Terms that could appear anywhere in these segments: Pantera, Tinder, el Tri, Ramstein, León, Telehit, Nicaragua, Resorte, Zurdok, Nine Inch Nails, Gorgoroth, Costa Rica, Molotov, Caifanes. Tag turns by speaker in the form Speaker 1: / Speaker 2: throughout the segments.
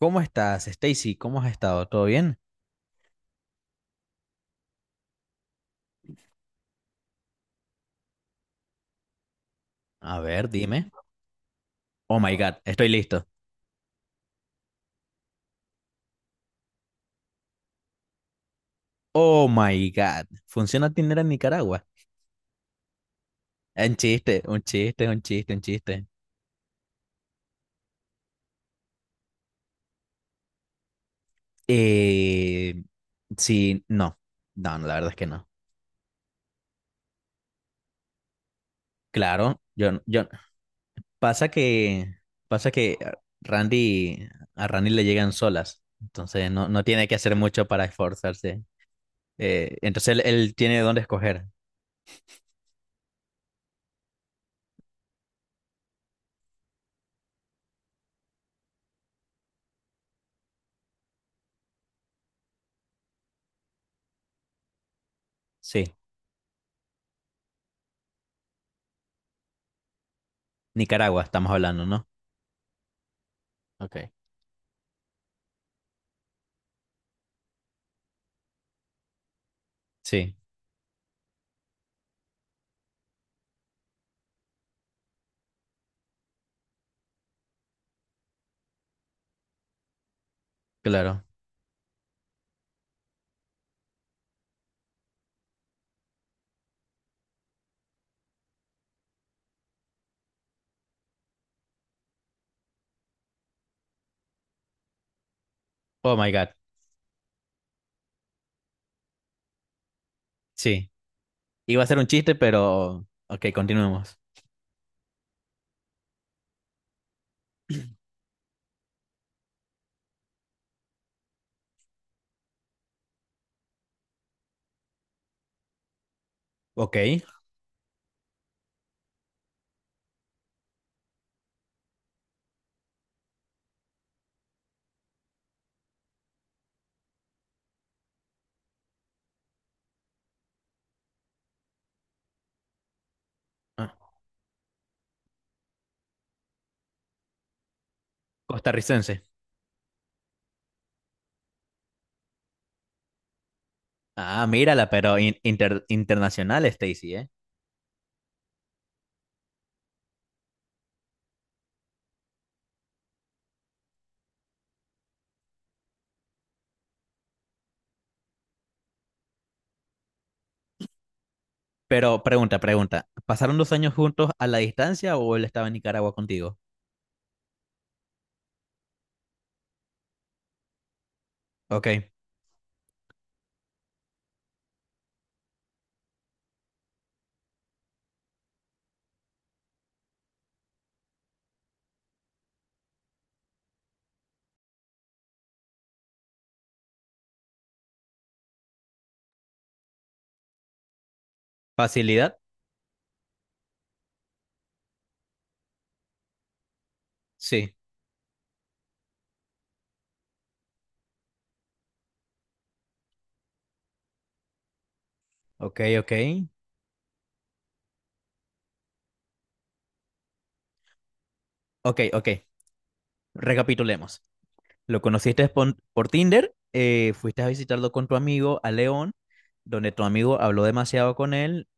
Speaker 1: ¿Cómo estás, Stacy? ¿Cómo has estado? ¿Todo bien? A ver, dime. Oh my God, estoy listo. Oh my God, ¿funciona Tinder en Nicaragua? Un chiste, un chiste, un chiste, un chiste. Eh, sí, no, no, la verdad es que no. Claro, yo, yo, pasa que Randy, a Randy le llegan solas, entonces no, no tiene que hacer mucho para esforzarse. Entonces él tiene dónde escoger. Sí, Nicaragua, estamos hablando, ¿no? Ok. Sí, claro. Oh my God. Sí. Iba a ser un chiste, pero ok, continuemos. Ok. Ah, costarricense. Ah, mírala, pero internacional, Stacy, ¿eh? Pero pregunta, pregunta. ¿Pasaron dos años juntos a la distancia o él estaba en Nicaragua contigo? Ok. ¿Facilidad? Sí. Ok, ok. Ok, ok. Recapitulemos. Lo conociste por Tinder, fuiste a visitarlo con tu amigo a León, donde tu amigo habló demasiado con él.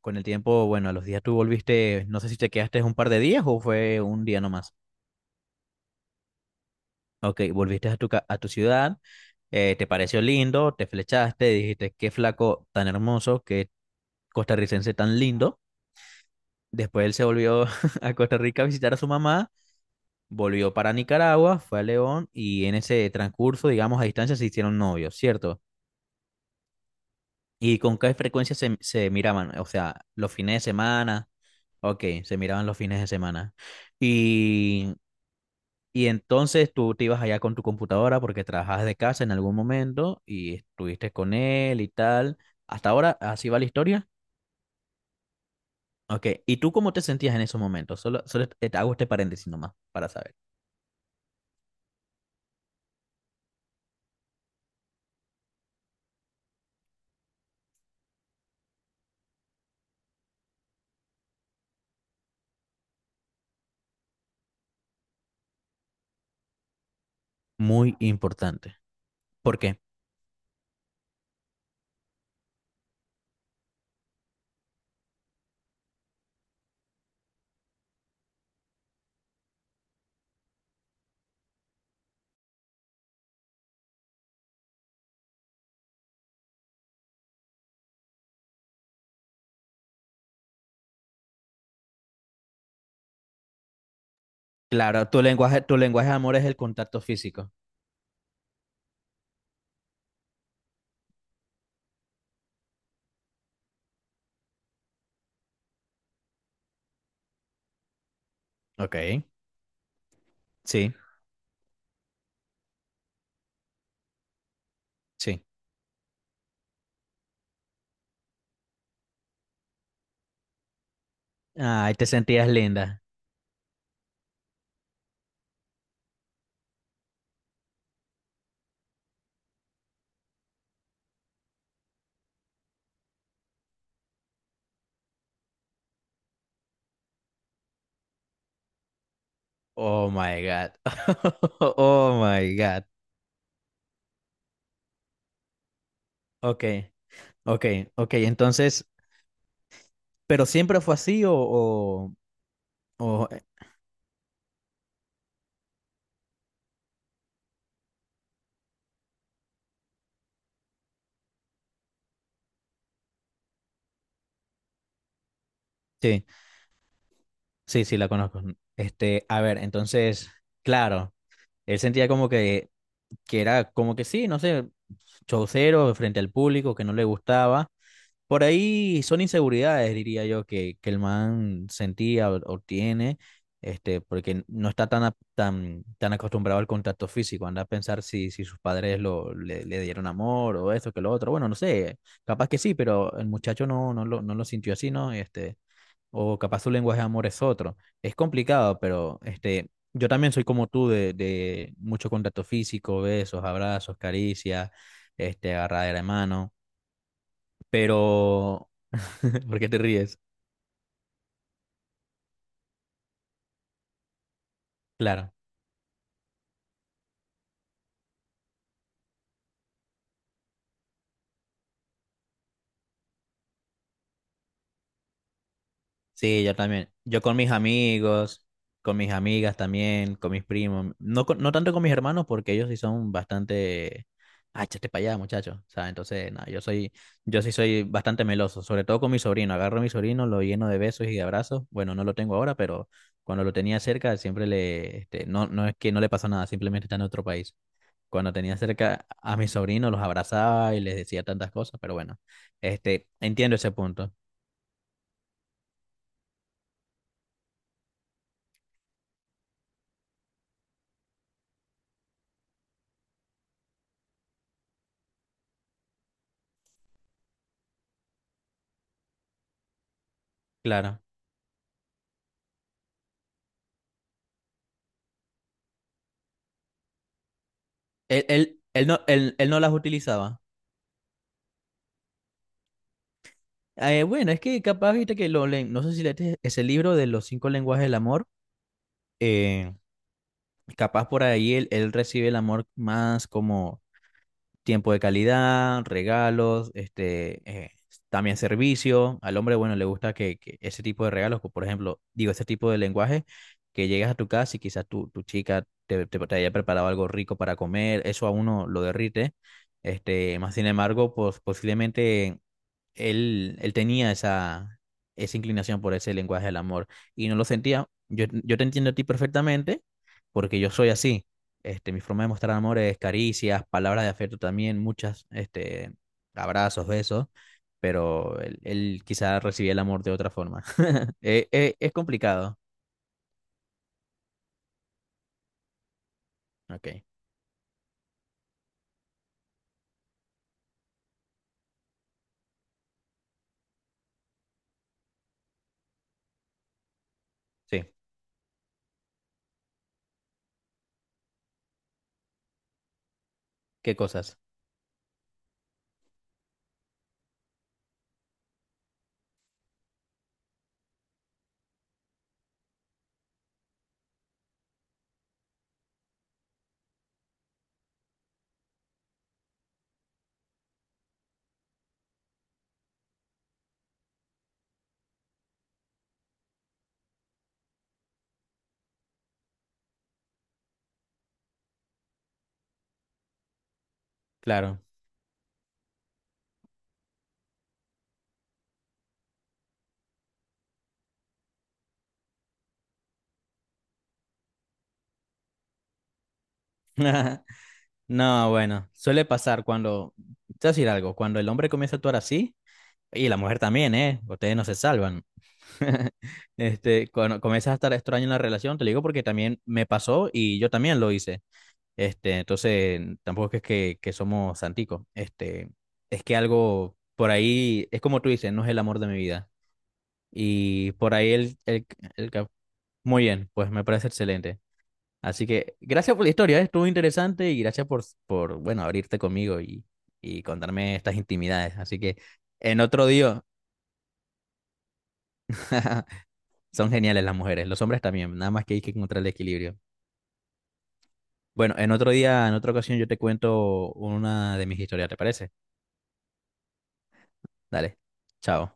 Speaker 1: Con el tiempo, bueno, a los días tú volviste, no sé si te quedaste un par de días o fue un día nomás. Ok, volviste a tu, a tu ciudad, te pareció lindo, te flechaste, dijiste, qué flaco tan hermoso, qué costarricense tan lindo. Después él se volvió a Costa Rica a visitar a su mamá, volvió para Nicaragua, fue a León y en ese transcurso, digamos, a distancia se hicieron novios, ¿cierto? ¿Y con qué frecuencia se miraban? O sea, los fines de semana, ok, se miraban los fines de semana. Y y entonces tú te ibas allá con tu computadora porque trabajabas de casa en algún momento y estuviste con él y tal. Hasta ahora, así va la historia. Ok, ¿y tú cómo te sentías en esos momentos? Solo, solo te hago este paréntesis nomás para saber. Muy importante. ¿Por qué? Claro, tu lenguaje de amor es el contacto físico. Ok, sí, sí. Ay, te sentías linda. Oh my God. Oh my God. Ok, ok, ok. Entonces, ¿pero siempre fue así o sí, sí, sí, la conozco. Este, a ver, entonces, claro, él sentía como que era como que sí, no sé, chaucero frente al público, que no le gustaba. Por ahí son inseguridades, diría yo, que el man sentía o tiene, este, porque no está tan, tan, tan acostumbrado al contacto físico. Anda a pensar si, si sus padres lo, le dieron amor o esto, que lo otro. Bueno, no sé, capaz que sí, pero el muchacho no, no lo, no lo sintió así, ¿no? Este o capaz su lenguaje de amor es otro. Es complicado, pero este, yo también soy como tú de mucho contacto físico, besos, abrazos, caricias, este, agarradera de mano, pero ¿por qué te ríes? Claro. Sí, yo también. Yo con mis amigos, con mis amigas también, con mis primos. No, no tanto con mis hermanos porque ellos sí son bastante... Ah, échate para allá, muchacho. O sea, entonces, nada, yo soy, yo sí soy bastante meloso, sobre todo con mi sobrino. Agarro a mi sobrino, lo lleno de besos y de abrazos. Bueno, no lo tengo ahora, pero cuando lo tenía cerca, siempre le, este, no, no es que no le pasó nada, simplemente está en otro país. Cuando tenía cerca a mi sobrino, los abrazaba y les decía tantas cosas, pero bueno, este, entiendo ese punto, claro. Él no, él no las utilizaba. Bueno, es que capaz, viste que lo leen, no sé si leíste ese libro de los cinco lenguajes del amor, eh, capaz por ahí él recibe el amor más como tiempo de calidad, regalos, este, también servicio. Al hombre, bueno, le gusta que ese tipo de regalos, por ejemplo, digo, ese tipo de lenguaje, que llegas a tu casa y quizás tu chica te haya preparado algo rico para comer, eso a uno lo derrite. Este, más sin embargo, pues posiblemente él tenía esa, esa inclinación por ese lenguaje del amor y no lo sentía. Yo te entiendo a ti perfectamente porque yo soy así. Este, mi forma de mostrar amor es caricias, palabras de afecto también, muchas, este, abrazos, besos, pero él quizá recibía el amor de otra forma. Es complicado. Ok, sí, qué cosas, claro. No, bueno, suele pasar cuando, te voy a decir algo, cuando el hombre comienza a actuar así, y la mujer también, ¿eh? Ustedes no se salvan. Este, cuando comienzas a estar extraño en la relación, te lo digo porque también me pasó y yo también lo hice. Este, entonces, tampoco es que somos santicos. Este, es que algo por ahí, es como tú dices, no es el amor de mi vida. Y por ahí el muy bien, pues me parece excelente. Así que gracias por la historia, ¿eh? Estuvo interesante y gracias por bueno, abrirte conmigo y contarme estas intimidades. Así que en otro día. Son geniales las mujeres, los hombres también, nada más que hay que encontrar el equilibrio. Bueno, en otro día, en otra ocasión yo te cuento una de mis historias, ¿te parece? Dale, chao.